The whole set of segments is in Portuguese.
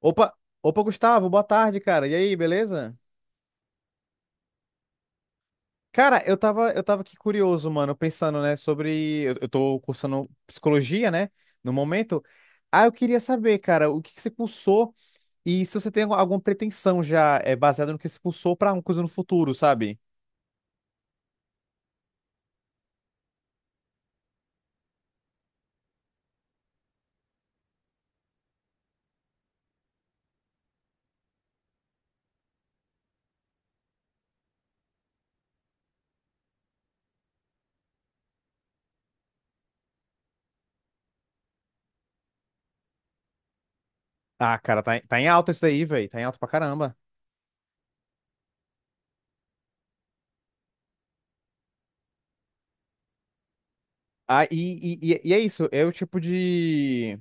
Opa, opa, Gustavo, boa tarde, cara. E aí, beleza? Cara, eu tava aqui curioso, mano, pensando, né, sobre. Eu tô cursando psicologia, né, no momento. Ah, eu queria saber, cara, o que que você cursou e se você tem alguma pretensão já baseada no que você cursou pra uma coisa no futuro, sabe? Ah, cara, tá, tá em alta isso daí, velho. Tá em alta pra caramba. Ah, e é isso, é o tipo de.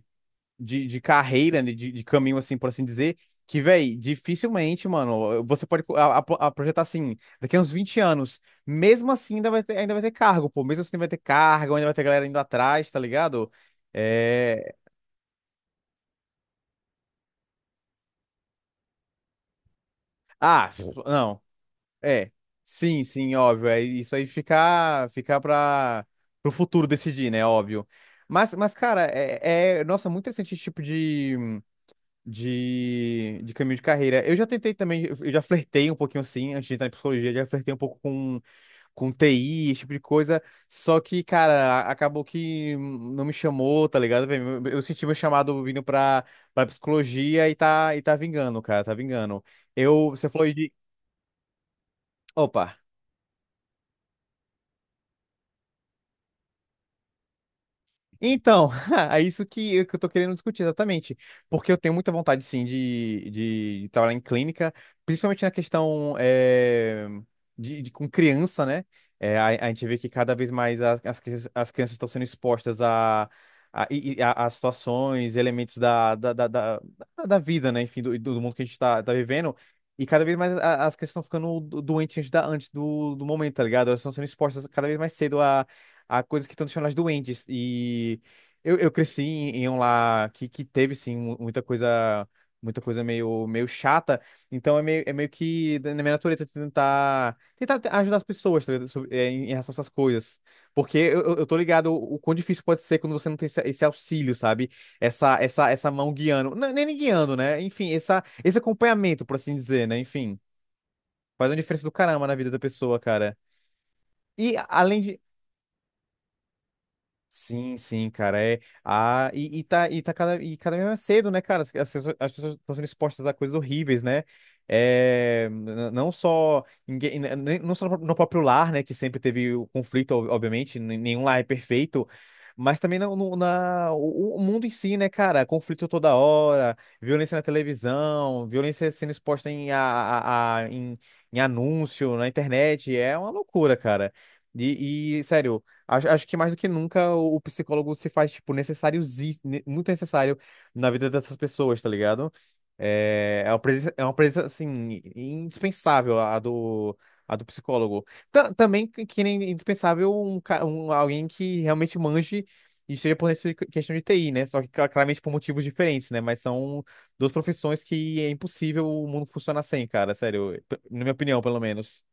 De carreira, né, de caminho, assim, por assim dizer, que, véi, dificilmente, mano, você pode a projetar assim, daqui a uns 20 anos, mesmo assim ainda vai ter cargo, pô, mesmo assim ainda vai ter cargo, ainda vai ter galera indo atrás, tá ligado? É... Ah, não, é, sim, sim, óbvio, é isso aí ficar pra, pro futuro decidir, né, óbvio. Mas cara, é, nossa, muito interessante esse tipo de caminho de carreira. Eu já tentei também, eu já flertei um pouquinho assim, antes de entrar em psicologia, já flertei um pouco com TI, esse tipo de coisa. Só que, cara, acabou que não me chamou, tá ligado, velho? Eu senti meu chamado vindo pra, pra psicologia e tá vingando, cara, tá vingando. Eu, você falou aí de. Opa! Então, é isso que, que eu tô querendo discutir exatamente. Porque eu tenho muita vontade, sim, de trabalhar em clínica, principalmente na questão de, com criança, né? A gente vê que cada vez mais as crianças estão sendo expostas a, a situações, elementos da vida, né? Enfim, do, do mundo que a gente tá, tá vivendo. E cada vez mais as crianças estão ficando doentes antes, antes do, do momento, tá ligado? Elas estão sendo expostas cada vez mais cedo a coisas que estão deixando elas doentes. E eu cresci em, em um lar que teve, sim, muita coisa meio, meio chata. Então é meio que na minha natureza tentar, tentar ajudar as pessoas, tá ligado? Em em relação a essas coisas. Porque eu tô ligado o quão difícil pode ser quando você não tem esse, esse auxílio, sabe? Essa mão guiando. Não, nem guiando, né? Enfim, essa, esse acompanhamento, por assim dizer, né? Enfim, faz uma diferença do caramba na vida da pessoa, cara. E além de, sim, sim, cara. Tá cada, e cada vez mais cedo, né, cara? As, as pessoas estão sendo expostas a coisas horríveis, né? É, não só, ninguém, n- nem- não só no próprio lar, né? Que sempre teve o conflito, obviamente, nenhum lar é perfeito, mas também na, no- na, o mundo em si, né, cara? Conflito toda hora, violência na televisão, violência sendo exposta em anúncio, na internet. É uma loucura, cara. Sério. Acho que mais do que nunca o psicólogo se faz, tipo, necessário, muito necessário na vida dessas pessoas, tá ligado? É, é uma presença, assim, indispensável a do psicólogo. Também que nem indispensável alguém que realmente manje e esteja por dentro de questão de TI, né? Só que claramente por motivos diferentes, né? Mas são duas profissões que é impossível o mundo funcionar sem, cara, sério. Na minha opinião, pelo menos.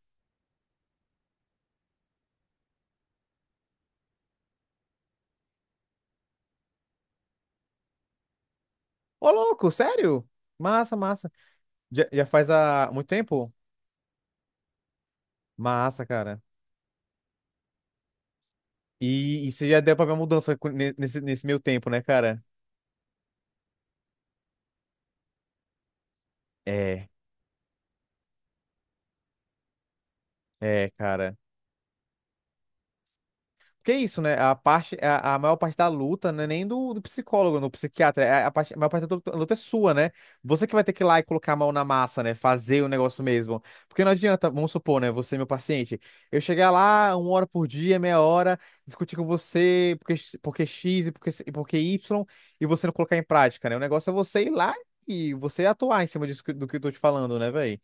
Ô, louco, sério? Massa, massa. Já, já faz há muito tempo? Massa, cara. E você já deu pra ver a mudança nesse, nesse meio tempo, né, cara? É, é, cara. Porque é isso, né? A parte, a maior parte da luta não é nem do, do psicólogo, do psiquiatra. É A, a parte, a maior parte da luta, luta é sua, né? Você que vai ter que ir lá e colocar a mão na massa, né? Fazer o negócio mesmo. Porque não adianta, vamos supor, né? Você, meu paciente, eu chegar lá uma hora por dia, meia hora, discutir com você porque, porque X e porque Y, e você não colocar em prática, né? O negócio é você ir lá e você atuar em cima disso do que eu tô te falando, né, velho?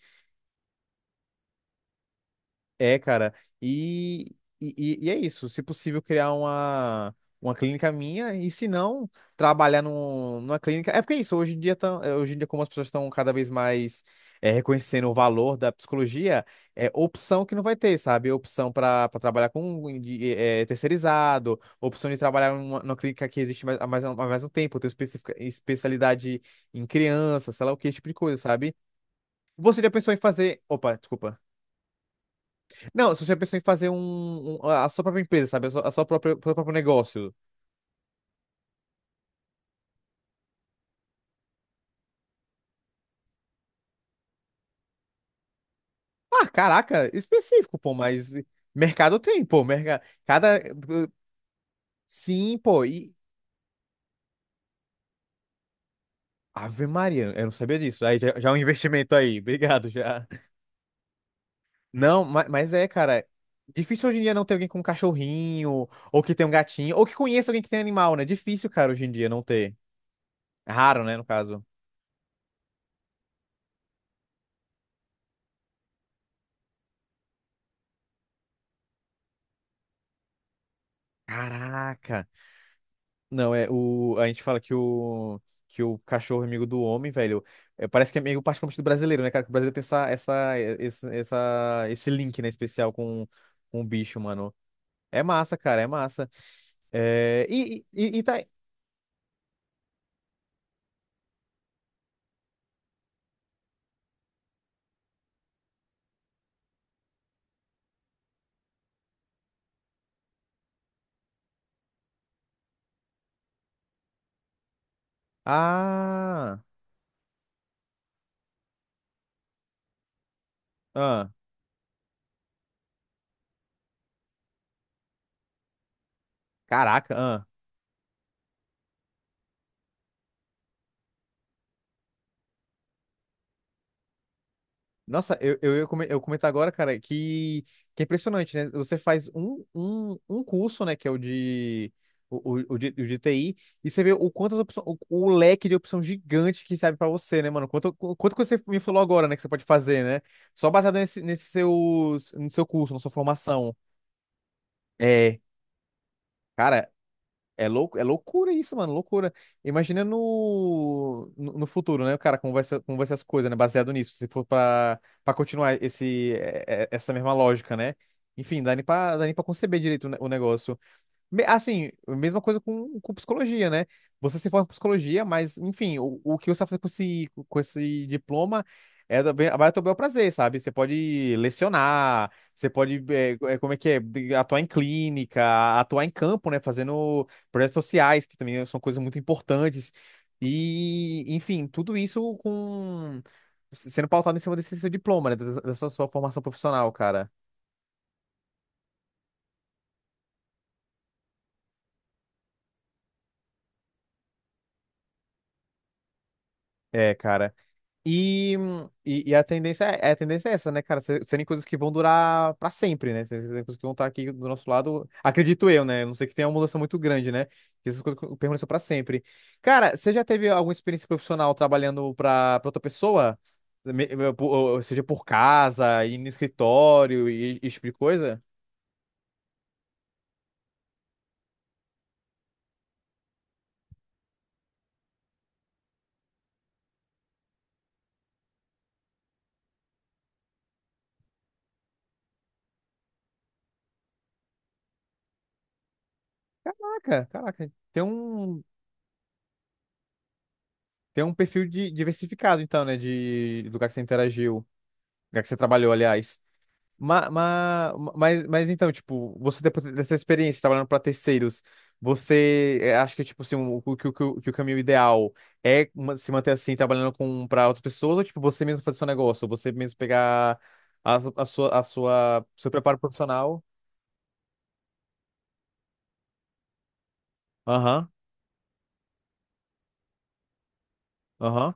É, cara, e, e, e é isso. Se possível, criar uma clínica minha, e se não, trabalhar num, numa clínica. É porque é isso, hoje em dia, hoje em dia, como as pessoas estão cada vez mais reconhecendo o valor da psicologia, é opção que não vai ter, sabe? Opção para trabalhar com de, terceirizado, opção de trabalhar numa, numa clínica que existe mais, há mais, há mais um tempo, ter especialidade em criança, sei lá o que, esse tipo de coisa, sabe? Você já pensou em fazer. Opa, desculpa. Não, você já pensou em fazer a sua própria empresa, sabe? A sua própria, o seu próprio negócio. Ah, caraca, específico, pô, mas mercado tem, pô, mercado. Cada. Sim, pô, e. Ave Maria, eu não sabia disso. Aí já, já é um investimento aí, obrigado já. Não, mas, é, cara. Difícil hoje em dia não ter alguém com um cachorrinho, ou que tem um gatinho, ou que conheça alguém que tem animal, né? Difícil, cara, hoje em dia não ter. É raro, né, no caso. Caraca. Não, é o. A gente fala que o. Que o cachorro é amigo do homem, velho. É, parece que é meio particularmente do brasileiro, né, cara? Que o brasileiro tem essa, essa, esse link, né, especial com o bicho, mano. É massa, cara, é massa. É, e tá. Ah! Ah! Caraca, ah. Nossa, eu comentar agora, cara, que é impressionante, né? Você faz um, um, um curso, né, que é o de, o de TI, e você vê o quantas opções, o leque de opção gigante que serve pra você, né, mano? Quanto, quanto que você me falou agora, né, que você pode fazer, né? Só baseado nesse, nesse seu, no seu curso, na sua formação. É, cara, é louco, é loucura isso, mano, loucura. Imagina no futuro, né, o cara, como vai ser as coisas, né, baseado nisso, se for pra, pra continuar esse, essa mesma lógica, né? Enfim, dá nem pra conceber direito o negócio. Assim, mesma coisa com psicologia, né? Você se forma em psicologia, mas, enfim, o que você vai fazer com esse diploma é vai ao teu bel prazer, sabe? Você pode lecionar, você pode, como é que é, atuar em clínica, atuar em campo, né? Fazendo projetos sociais, que também são coisas muito importantes. E, enfim, tudo isso com sendo pautado em cima desse seu diploma, né? Da da sua sua formação profissional, cara. É, cara. E, e a tendência é essa, né, cara? Serem coisas que vão durar pra sempre, né? Serem coisas que vão estar aqui do nosso lado, acredito eu, né? A não sei que tenha uma mudança muito grande, né? Que essas coisas permaneçam pra sempre. Cara, você já teve alguma experiência profissional trabalhando pra, pra outra pessoa? Ou seja, por casa, ir no escritório e esse tipo de coisa? Caraca, caraca. Tem um perfil de, diversificado, então, né? De, do lugar que você interagiu, lugar que você trabalhou, aliás. Mas então, tipo, você depois dessa experiência trabalhando para terceiros, você acha que, tipo, assim, o, que, o, que o que o caminho ideal é se manter assim, trabalhando com para outras pessoas, ou, tipo, você mesmo fazer seu negócio, você mesmo pegar a, a sua, seu preparo profissional? Aham, aham.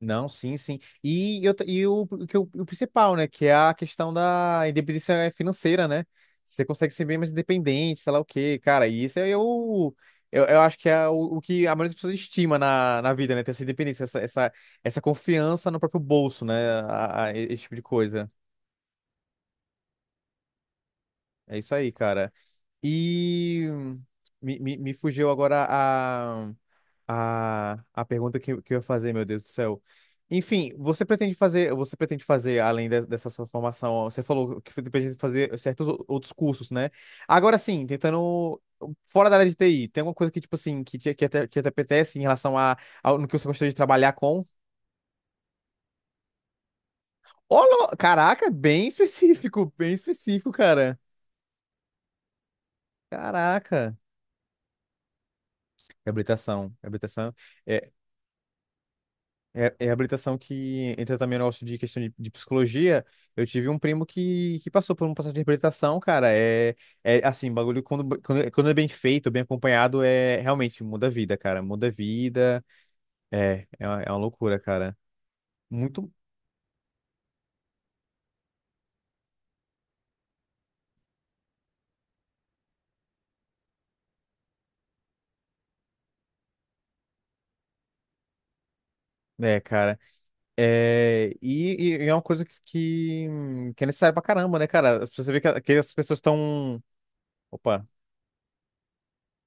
Não, sim, sim. E, eu, e o, que o principal, né? Que é a questão da independência financeira, né? Você consegue ser bem mais independente, sei lá o quê, cara. E isso é o. Eu acho que é o que a maioria das pessoas estima na, na vida, né? Ter essa independência, essa confiança no próprio bolso, né? Esse tipo de coisa. É isso aí, cara. E me fugiu agora a pergunta que eu ia fazer, meu Deus do céu. Enfim, você pretende fazer, além dessa sua formação, você falou que pretende fazer certos outros cursos, né? Agora sim, tentando, fora da área de TI, tem alguma coisa que, tipo assim, que te, que te, que te apetece em relação a, ao no que você gostaria de trabalhar com? Olô, caraca, bem específico, bem específico, cara. Caraca. Reabilitação, reabilitação. É, é habilitação que entra também no negócio de questão de psicologia. Eu tive um primo que passou por um processo de reabilitação, cara. É, é assim, bagulho quando, quando, quando é bem feito, bem acompanhado, é realmente muda a vida, cara. Muda a vida. É, é uma loucura, cara. Muito. É, cara. É, e é uma coisa que é necessária pra caramba, né, cara? As pessoas- Você vê que as pessoas estão. Opa,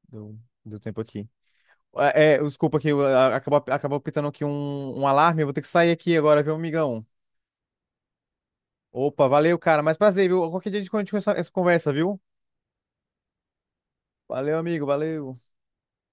deu, deu tempo aqui. É, é, desculpa aqui, acabou, acabou pitando aqui um, um alarme. Eu vou ter que sair aqui agora, viu, amigão? Opa, valeu, cara. Mas prazer, viu? Qualquer dia a gente continua essa essa conversa, viu? Valeu, amigo, valeu.